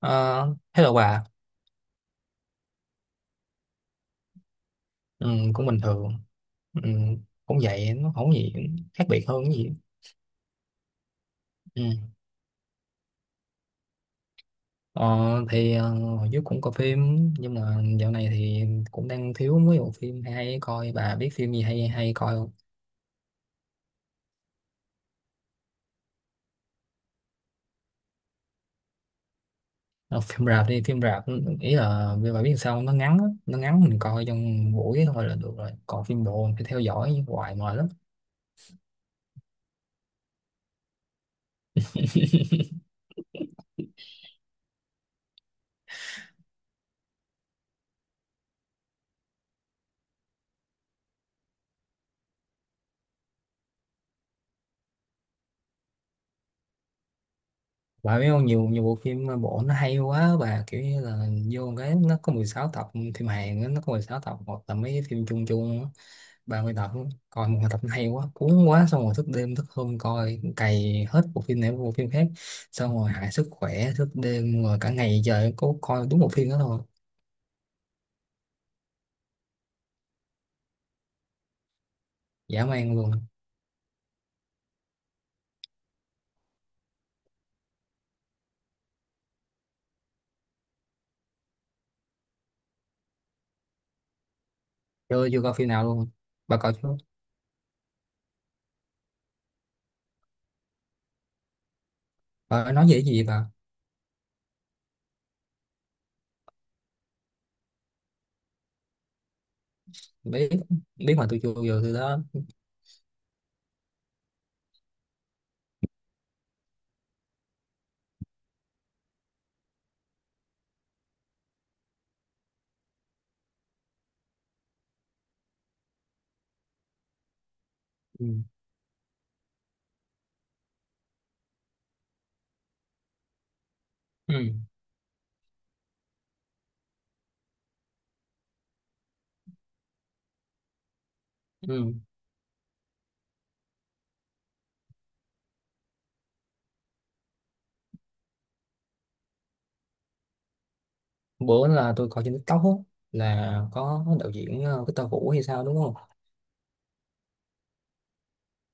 Ờ, Hello bà. Ừ, cũng bình thường. Ừ, cũng vậy, nó không có gì khác biệt hơn cái gì. Ừ. ờ, thì hồi trước cũng coi phim, nhưng mà dạo này thì cũng đang thiếu mấy bộ phim hay hay coi. Bà biết phim gì hay hay coi không? Ờ, Phim rạp, đi phim rạp. Ý là vì bà biết sao không? Nó ngắn á, nó ngắn, mình coi trong buổi thôi là được rồi, còn phim bộ mình phải theo dõi hoài mệt lắm. Bà biết không, nhiều nhiều bộ phim bộ nó hay quá, bà kiểu như là vô cái nó có 16 tập, phim Hàn á, nó có 16 tập, hoặc là mấy cái phim chung chung á, 30 tập á. Coi một tập nó hay quá, cuốn quá, xong rồi thức đêm thức hôm coi, cày hết bộ phim này đến bộ phim khác, xong rồi hại sức khỏe, thức đêm rồi cả ngày trời có coi đúng một phim đó thôi. Dã man luôn. Chưa chưa coi phim nào luôn, bà coi chưa? Bà nói về cái gì vậy bà? Biết biết mà tôi chưa bao giờ từ đó. Ừ. Ừ. Ừ. Bữa là tôi coi trên TikTok á, là có đạo diễn Victor Vũ hay sao, đúng không?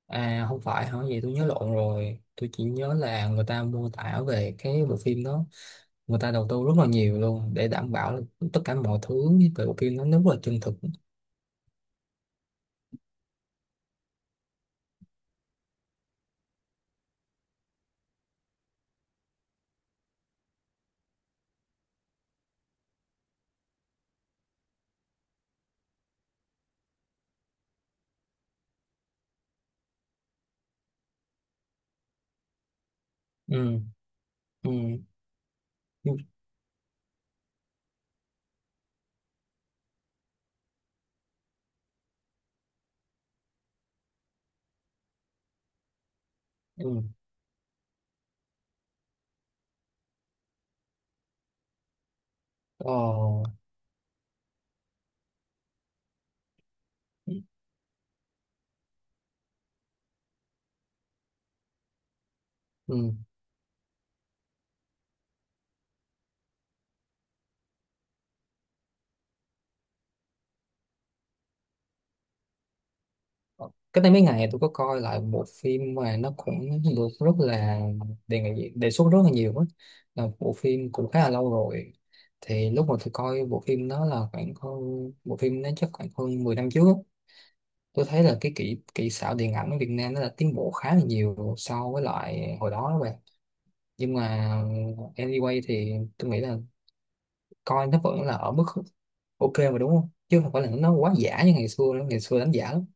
À, không phải hả? Vậy tôi nhớ lộn rồi. Tôi chỉ nhớ là người ta mô tả về cái bộ phim đó, người ta đầu tư rất là nhiều luôn để đảm bảo là tất cả mọi thứ về bộ phim nó rất là chân thực. Ừ. Ừ. Ừ. Ừ. Ờ. Ừ. Cách đây mấy ngày tôi có coi lại một phim mà nó cũng được rất là đề nghị, đề xuất rất là nhiều á, là một bộ phim cũng khá là lâu rồi, thì lúc mà tôi coi bộ phim đó là khoảng hơn, bộ phim nó chắc khoảng hơn 10 năm trước á. Tôi thấy là cái kỹ kỹ xảo điện ảnh ở Việt Nam nó đã tiến bộ khá là nhiều so với lại hồi đó đó bạn. Nhưng mà anyway thì tôi nghĩ là coi nó vẫn là ở mức ok mà, đúng không, chứ không phải là nó quá giả như ngày xưa nữa, ngày xưa đánh giả lắm.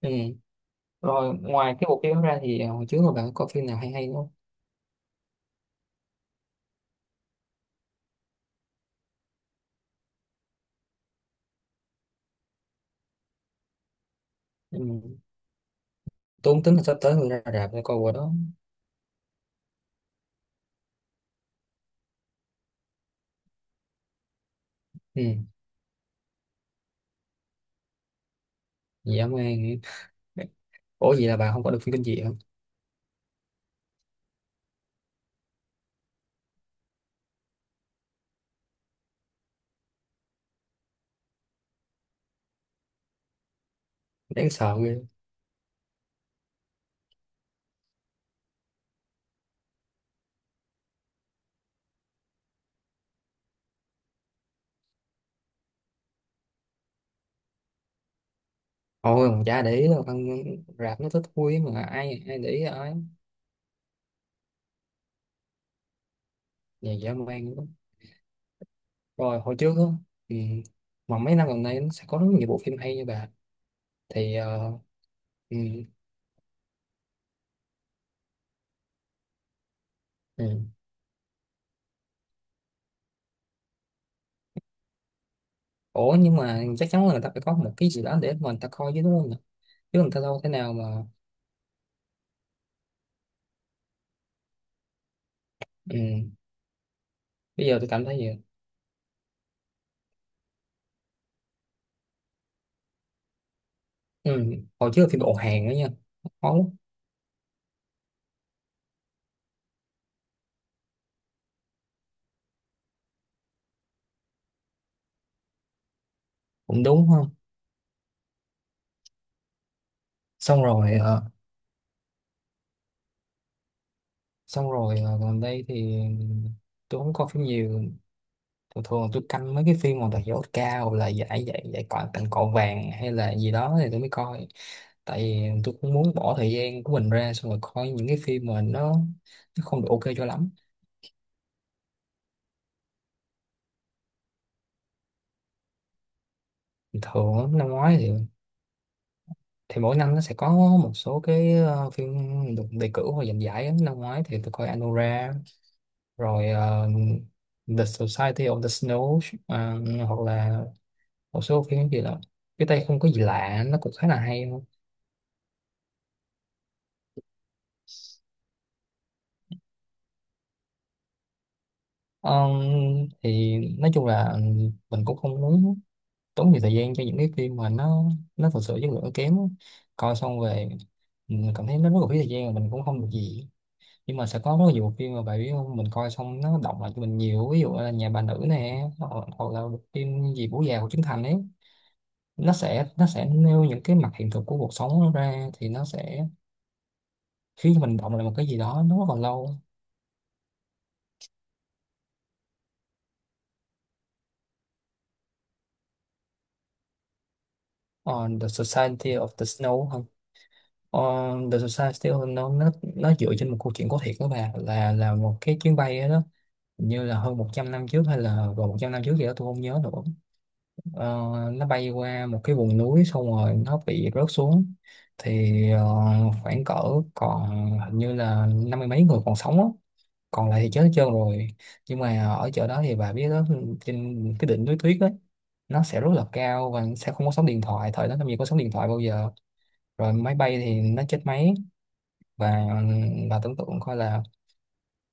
Ừ. Rồi ngoài cái bộ phim đó ra thì hồi trước rồi bạn có phim nào hay hay không? Ừ. Tôi cũng tính là sắp tới người ra rạp để coi bộ đó. Ừ. Dã man. Ủa vậy là bạn không có được phim kinh dị hả? Đáng sợ ghê. Ôi mà chả để ý đâu con, rạp nó thích thúi mà, ai ai để ý ai. Nhà dã man lắm. Rồi hồi trước á. Ừ. Mà mấy năm gần đây nó sẽ có rất nhiều bộ phim hay như bà. Thì ừ. Ừ. Ủa nhưng mà chắc chắn là người ta phải có một cái gì đó để mà người ta coi chứ, đúng không nhỉ? Chứ người ta đâu thế nào mà. Ừ. Bây giờ tôi cảm thấy vậy. Ừ, hồi trước thì bộ hàng đó nha, máu. Cũng đúng không. xong rồi ờ, Gần đây thì tôi không coi phim nhiều, thường thường tôi canh mấy cái phim mà đạt giải Oscar, hoặc là giải giải giải cọ, tặng cọ vàng hay là gì đó thì tôi mới coi, tại vì tôi cũng muốn bỏ thời gian của mình ra xong rồi coi những cái phim mà nó. Nó không được ok cho lắm. Thường á, năm ngoái thì mỗi năm nó sẽ có một số cái phim được đề cử hoặc giành giải á. Năm ngoái thì tôi coi Anora, rồi The Society of the Snow, ờ, hoặc là một số phim gì đó, cái tay không có gì lạ nó cũng khá là hay luôn. Ờ, thì nói chung là mình cũng không muốn tốn nhiều thời gian cho những cái phim mà nó thật sự chất lượng kém, coi xong về mình cảm thấy nó rất là phí thời gian và mình cũng không được gì. Nhưng mà sẽ có rất nhiều bộ phim mà bạn biết không, mình coi xong nó động lại cho mình nhiều, ví dụ là Nhà Bà Nữ nè, hoặc là bộ phim gì, Bố Già của Trấn Thành ấy, nó sẽ nêu những cái mặt hiện thực của cuộc sống nó ra thì nó sẽ khiến mình động lại một cái gì đó nó rất là lâu. On the Society of the Snow không? On the Society of the Snow nó dựa trên một câu chuyện có thiệt đó bà, là một cái chuyến bay đó. Hình như là hơn 100 năm trước hay là gần 100 năm trước gì đó tôi không nhớ nữa. Ờ, nó bay qua một cái vùng núi xong rồi nó bị rớt xuống. Thì khoảng cỡ, còn hình như là năm mươi mấy người còn sống á, còn lại thì chết hết trơn rồi. Nhưng mà ở chỗ đó thì bà biết đó, trên cái đỉnh núi tuyết ấy, nó sẽ rất là cao và sẽ không có sóng điện thoại, thời đó làm gì có sóng điện thoại bao giờ. Rồi máy bay thì nó chết máy, và bà tưởng tượng coi là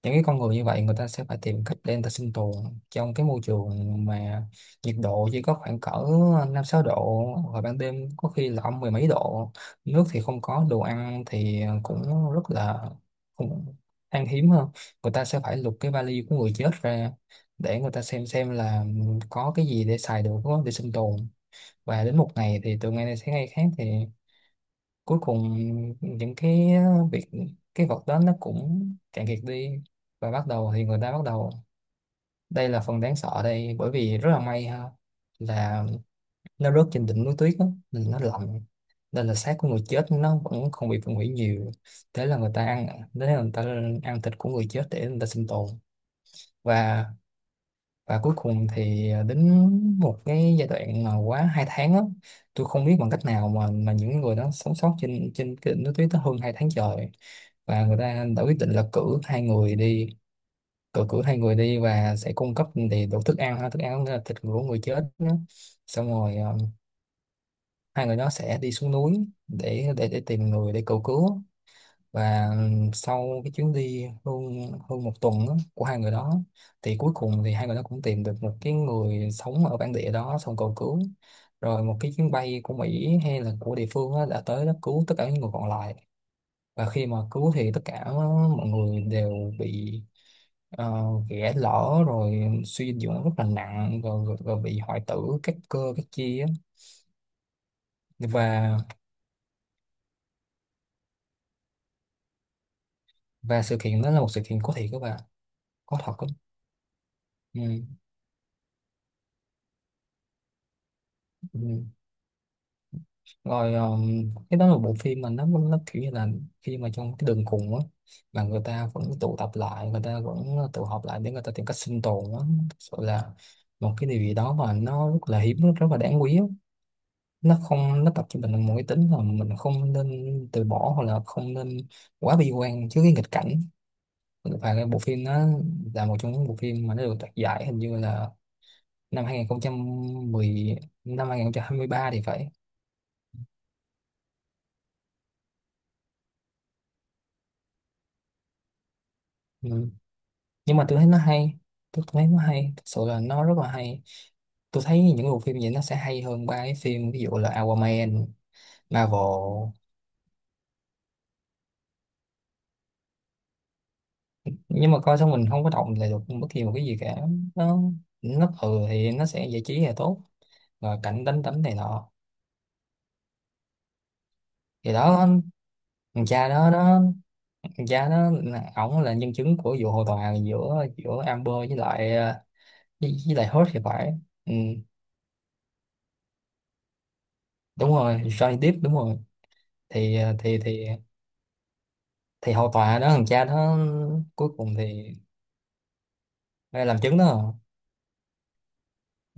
những cái con người như vậy, người ta sẽ phải tìm cách để người ta sinh tồn trong cái môi trường mà nhiệt độ chỉ có khoảng cỡ năm sáu độ, và ban đêm có khi là âm mười mấy độ, nước thì không có, đồ ăn thì cũng rất là cũng khan hiếm hơn. Người ta sẽ phải lục cái vali của người chết ra để người ta xem là có cái gì để xài được, để sinh tồn. Và đến một ngày thì từ ngày này sang ngày khác thì cuối cùng những cái việc, cái vật đó nó cũng cạn kiệt đi, và bắt đầu thì người ta bắt đầu. Đây là phần đáng sợ đây, bởi vì rất là may ha, là nó rớt trên đỉnh núi tuyết á, nên nó lạnh, nên là xác của người chết nó vẫn không bị phân hủy nhiều. thế là người ta ăn Thế là người ta ăn thịt của người chết để người ta sinh tồn. Và và cuối cùng thì đến một cái giai đoạn mà quá 2 tháng á, tôi không biết bằng cách nào mà những người đó sống sót trên trên cái đỉnh núi tuyết đó hơn 2 tháng trời. Và người ta đã quyết định là cử hai người đi, cử cử hai người đi và sẽ cung cấp thì đủ thức ăn ha, thức ăn là thịt của người chết đó. Xong rồi hai người đó sẽ đi xuống núi để tìm người để cầu cứu. Và sau cái chuyến đi hơn hơn 1 tuần á, của hai người đó, thì cuối cùng thì hai người đó cũng tìm được một cái người sống ở bản địa đó, xong cầu cứu. Rồi một cái chuyến bay của Mỹ hay là của địa phương á, đã tới đó cứu tất cả những người còn lại. Và khi mà cứu thì tất cả mọi người đều bị ghẻ lở, rồi suy dinh dưỡng rất là nặng rồi, rồi, rồi bị hoại tử các cơ các chi á. Và và sự kiện đó là một sự kiện có thiệt các bạn, có thật á. Ừ. Ừ. Rồi cái đó là bộ phim mà nó kiểu như là khi mà trong cái đường cùng á mà người ta vẫn tụ tập lại, người ta vẫn tụ họp lại để người ta tìm cách sinh tồn á, thực sự là một cái điều gì đó mà nó rất là hiếm, rất là đáng quý á. Nó không, nó tập cho mình một cái tính là mình không nên từ bỏ hoặc là không nên quá bi quan trước cái nghịch cảnh. Và cái bộ phim nó là một trong những bộ phim mà nó được đoạt giải hình như là năm 2010, năm 2023 thì phải. Ừ. Nhưng mà tôi thấy nó hay, tôi thấy nó hay, thật sự là nó rất là hay. Tôi thấy những bộ phim vậy nó sẽ hay hơn ba cái phim, ví dụ là Aquaman, Marvel, nhưng mà coi xong mình không có động lại được bất kỳ một cái gì cả. Nó nó thì nó sẽ giải trí là tốt, và cảnh đánh đấm này nọ. Thì đó, thằng cha đó nó thằng cha đó, ổng là nhân chứng của vụ hồ tòa giữa giữa Amber với lại với lại Hurt thì phải. Ừ, đúng rồi, Johnny Depp, đúng rồi. Thì thì hầu tòa đó, thằng cha đó, cuối cùng thì đây làm chứng đó à.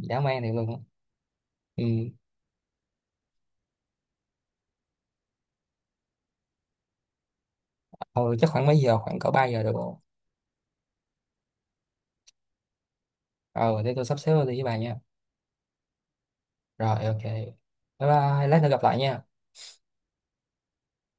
Dã man thiệt luôn á. Ừ. Thôi chắc khoảng mấy giờ, khoảng cỡ 3 giờ được rồi. Ờ Thế tôi sắp xếp đi với bà nha. Rồi, ok, bye. Bye, lát nữa gặp lại nha.